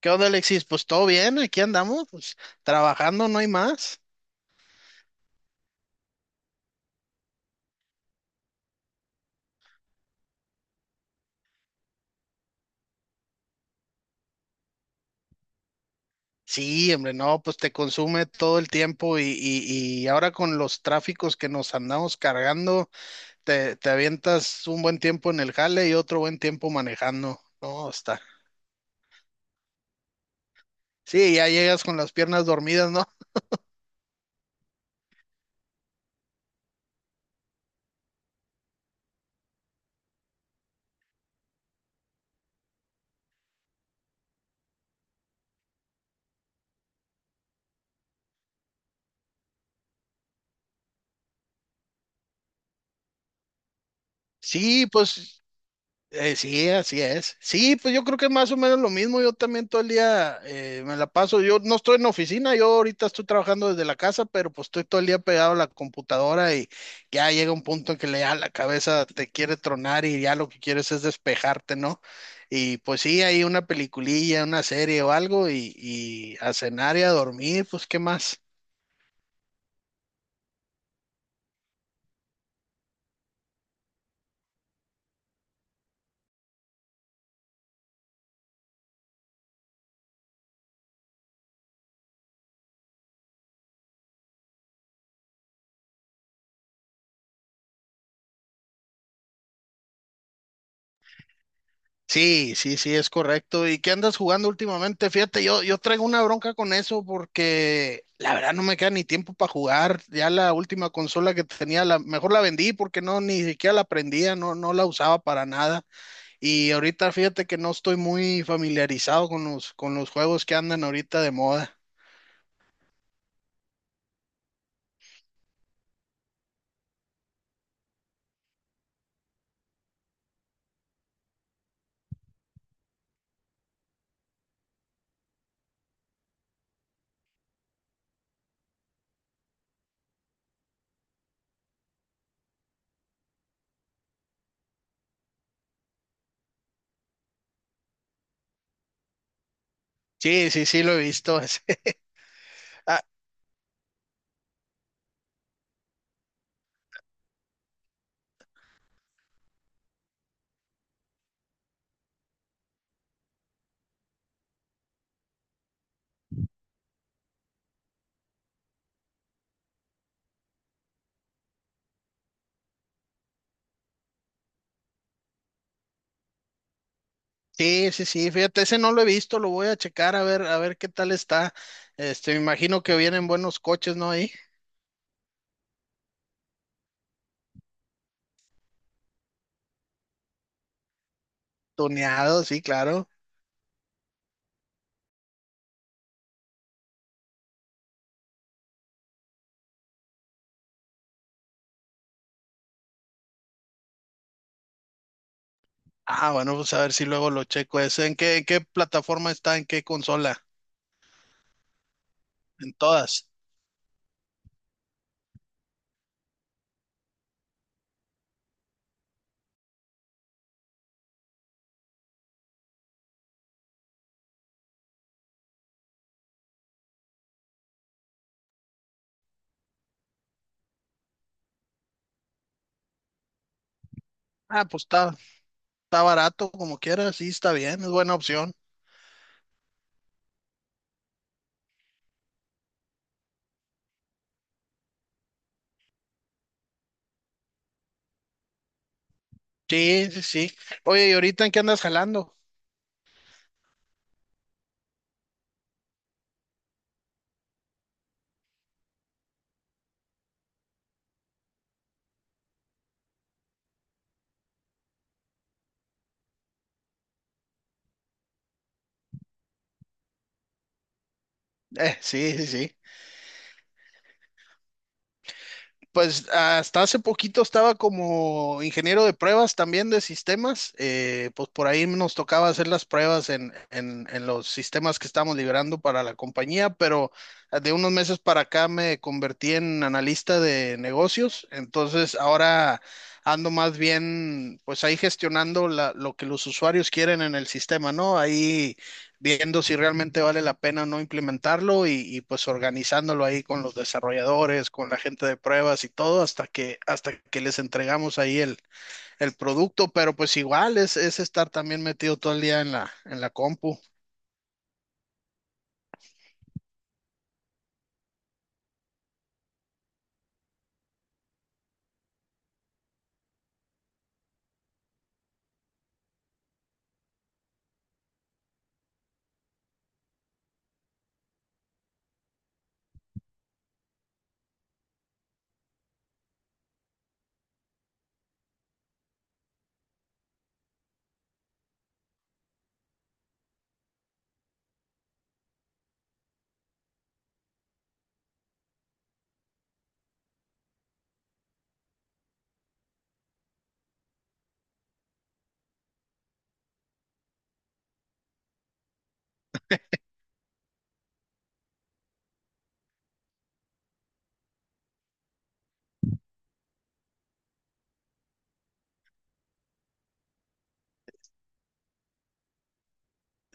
¿Qué onda, Alexis? Pues todo bien, aquí andamos, pues trabajando, no hay más. Sí, hombre, no, pues te consume todo el tiempo y ahora con los tráficos que nos andamos cargando, te avientas un buen tiempo en el jale y otro buen tiempo manejando. No, está. Sí, ya llegas con las piernas dormidas, ¿no? Sí, pues. Sí, así es. Sí, pues yo creo que más o menos lo mismo. Yo también todo el día me la paso. Yo no estoy en la oficina, yo ahorita estoy trabajando desde la casa, pero pues estoy todo el día pegado a la computadora y ya llega un punto en que ya la cabeza te quiere tronar y ya lo que quieres es despejarte, ¿no? Y pues sí, hay una peliculilla, una serie o algo y a cenar y a dormir, pues ¿qué más? Sí, sí, sí, es correcto. ¿Y qué andas jugando últimamente? Fíjate, yo traigo una bronca con eso porque la verdad no me queda ni tiempo para jugar. Ya la última consola que tenía, mejor la vendí porque no, ni siquiera la prendía, no, no la usaba para nada. Y ahorita fíjate que no estoy muy familiarizado con los juegos que andan ahorita de moda. Sí, sí, sí, lo he visto. ese. Ah, sí, sí, sí, fíjate, ese no lo he visto, lo voy a checar a ver qué tal está. Me imagino que vienen buenos coches, ¿no? Ahí. Tuneado, sí, claro. Ah, bueno, pues a ver si luego lo checo ese. ¿En qué plataforma está? ¿En qué consola? En todas. Ah, pues está barato como quieras, sí, está bien, es buena opción. Sí, sí, sí. Oye, ¿y ahorita en qué andas jalando? Sí, sí, sí. Pues hasta hace poquito estaba como ingeniero de pruebas también de sistemas. Pues por ahí nos tocaba hacer las pruebas en los sistemas que estamos liberando para la compañía, pero de unos meses para acá me convertí en analista de negocios. Entonces ahora ando más bien pues ahí gestionando lo que los usuarios quieren en el sistema, ¿no? Ahí viendo si realmente vale la pena o no implementarlo y, pues organizándolo ahí con los desarrolladores, con la gente de pruebas y todo hasta que les entregamos ahí el producto, pero pues igual es estar también metido todo el día en la compu.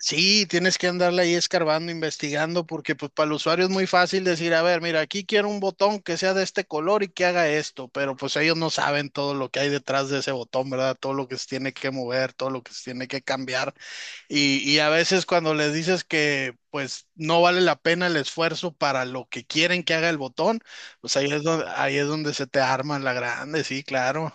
Sí, tienes que andarle ahí escarbando, investigando, porque pues para el usuario es muy fácil decir, a ver, mira, aquí quiero un botón que sea de este color y que haga esto, pero pues ellos no saben todo lo que hay detrás de ese botón, ¿verdad? Todo lo que se tiene que mover, todo lo que se tiene que cambiar. Y a veces cuando les dices que pues no vale la pena el esfuerzo para lo que quieren que haga el botón, pues ahí es donde se te arma la grande, sí, claro.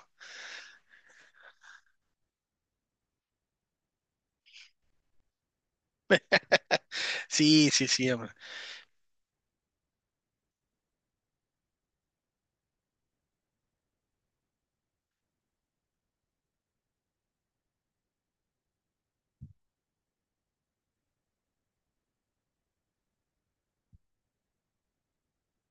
Sí, sí, sí, hombre.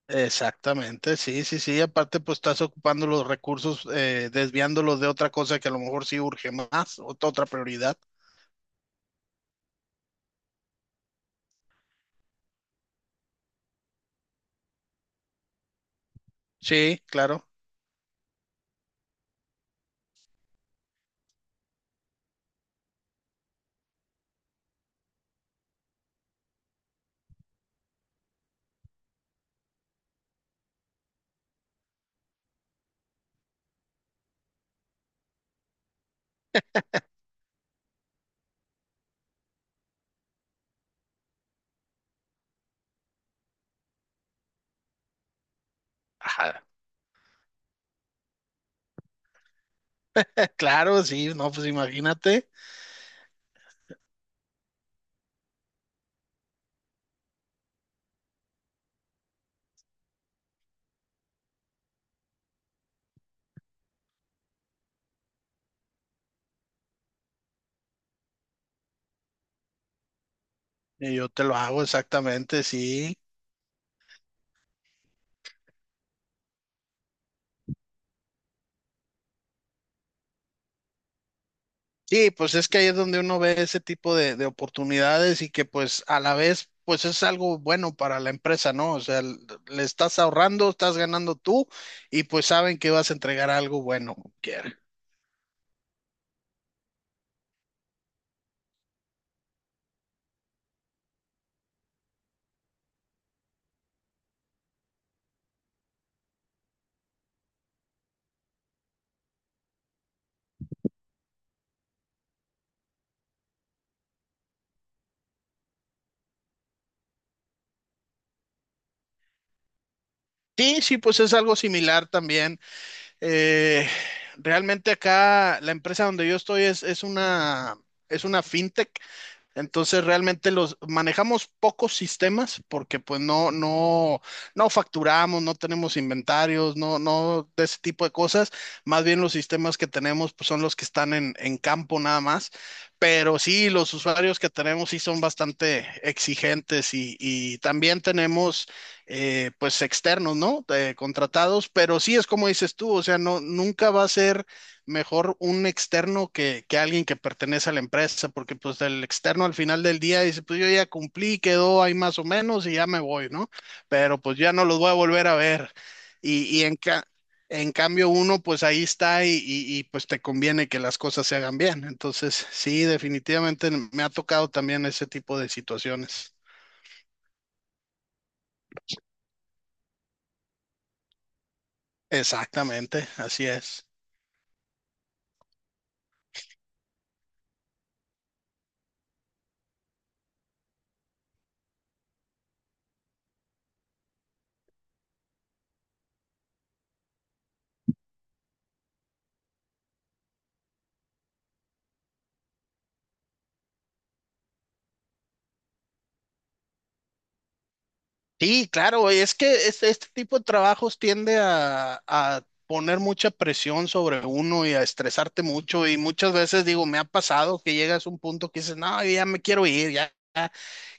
Exactamente, sí, sí, sí. Aparte, pues estás ocupando los recursos, desviándolos de otra cosa que a lo mejor sí urge más, otra prioridad. Sí, claro. Ajá. Claro, sí, no, pues imagínate. Y yo te lo hago exactamente, sí. Sí, pues es que ahí es donde uno ve ese tipo de oportunidades y que pues a la vez pues es algo bueno para la empresa, ¿no? O sea, le estás ahorrando, estás ganando tú y pues saben que vas a entregar algo bueno. quiera. Sí, sí, pues es algo similar también. Eh, Realmente acá la empresa donde yo estoy es una fintech. Entonces realmente los manejamos pocos sistemas porque pues no, no, no facturamos, no tenemos inventarios, no, no de ese tipo de cosas. Más bien los sistemas que tenemos pues son los que están en campo nada más. Pero sí, los usuarios que tenemos sí son bastante exigentes y también tenemos pues externos, ¿no? Contratados, pero sí es como dices tú, o sea, no, nunca va a ser mejor un externo que alguien que pertenece a la empresa, porque pues el externo al final del día dice, pues yo ya cumplí, quedó ahí más o menos y ya me voy, ¿no? Pero pues ya no los voy a volver a ver. Y, y en, ca- en cambio uno pues ahí está y, pues te conviene que las cosas se hagan bien. Entonces, sí, definitivamente me ha tocado también ese tipo de situaciones. Exactamente, así es. Sí, claro, es que este tipo de trabajos tiende a poner mucha presión sobre uno y a estresarte mucho y muchas veces digo, me ha pasado que llegas a un punto que dices, no, yo ya me quiero ir, ya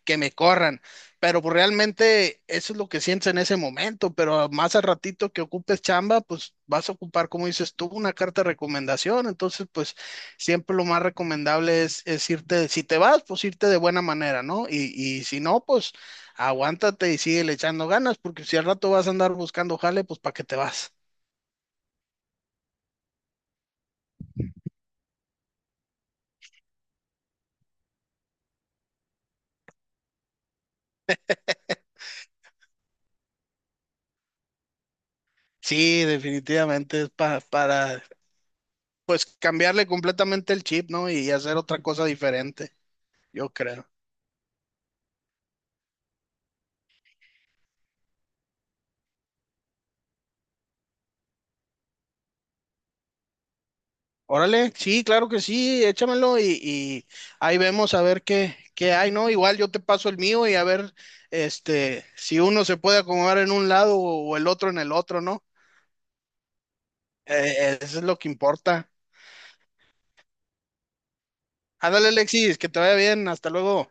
que me corran. Pero pues realmente eso es lo que sientes en ese momento, pero más al ratito que ocupes chamba, pues vas a ocupar, como dices tú, una carta de recomendación. Entonces, pues siempre lo más recomendable es irte, si te vas, pues irte de buena manera, ¿no? Y si no, pues aguántate y sigue le echando ganas, porque si al rato vas a andar buscando jale, pues ¿para qué te vas? Sí, definitivamente es para, pues cambiarle completamente el chip, ¿no? Y hacer otra cosa diferente, yo creo. Órale, sí, claro que sí, échamelo y ahí vemos a ver qué hay, ¿no? Igual yo te paso el mío y a ver, si uno se puede acomodar en un lado o el otro en el otro, ¿no? Eso es lo que importa. Ándale, Alexis, que te vaya bien, hasta luego.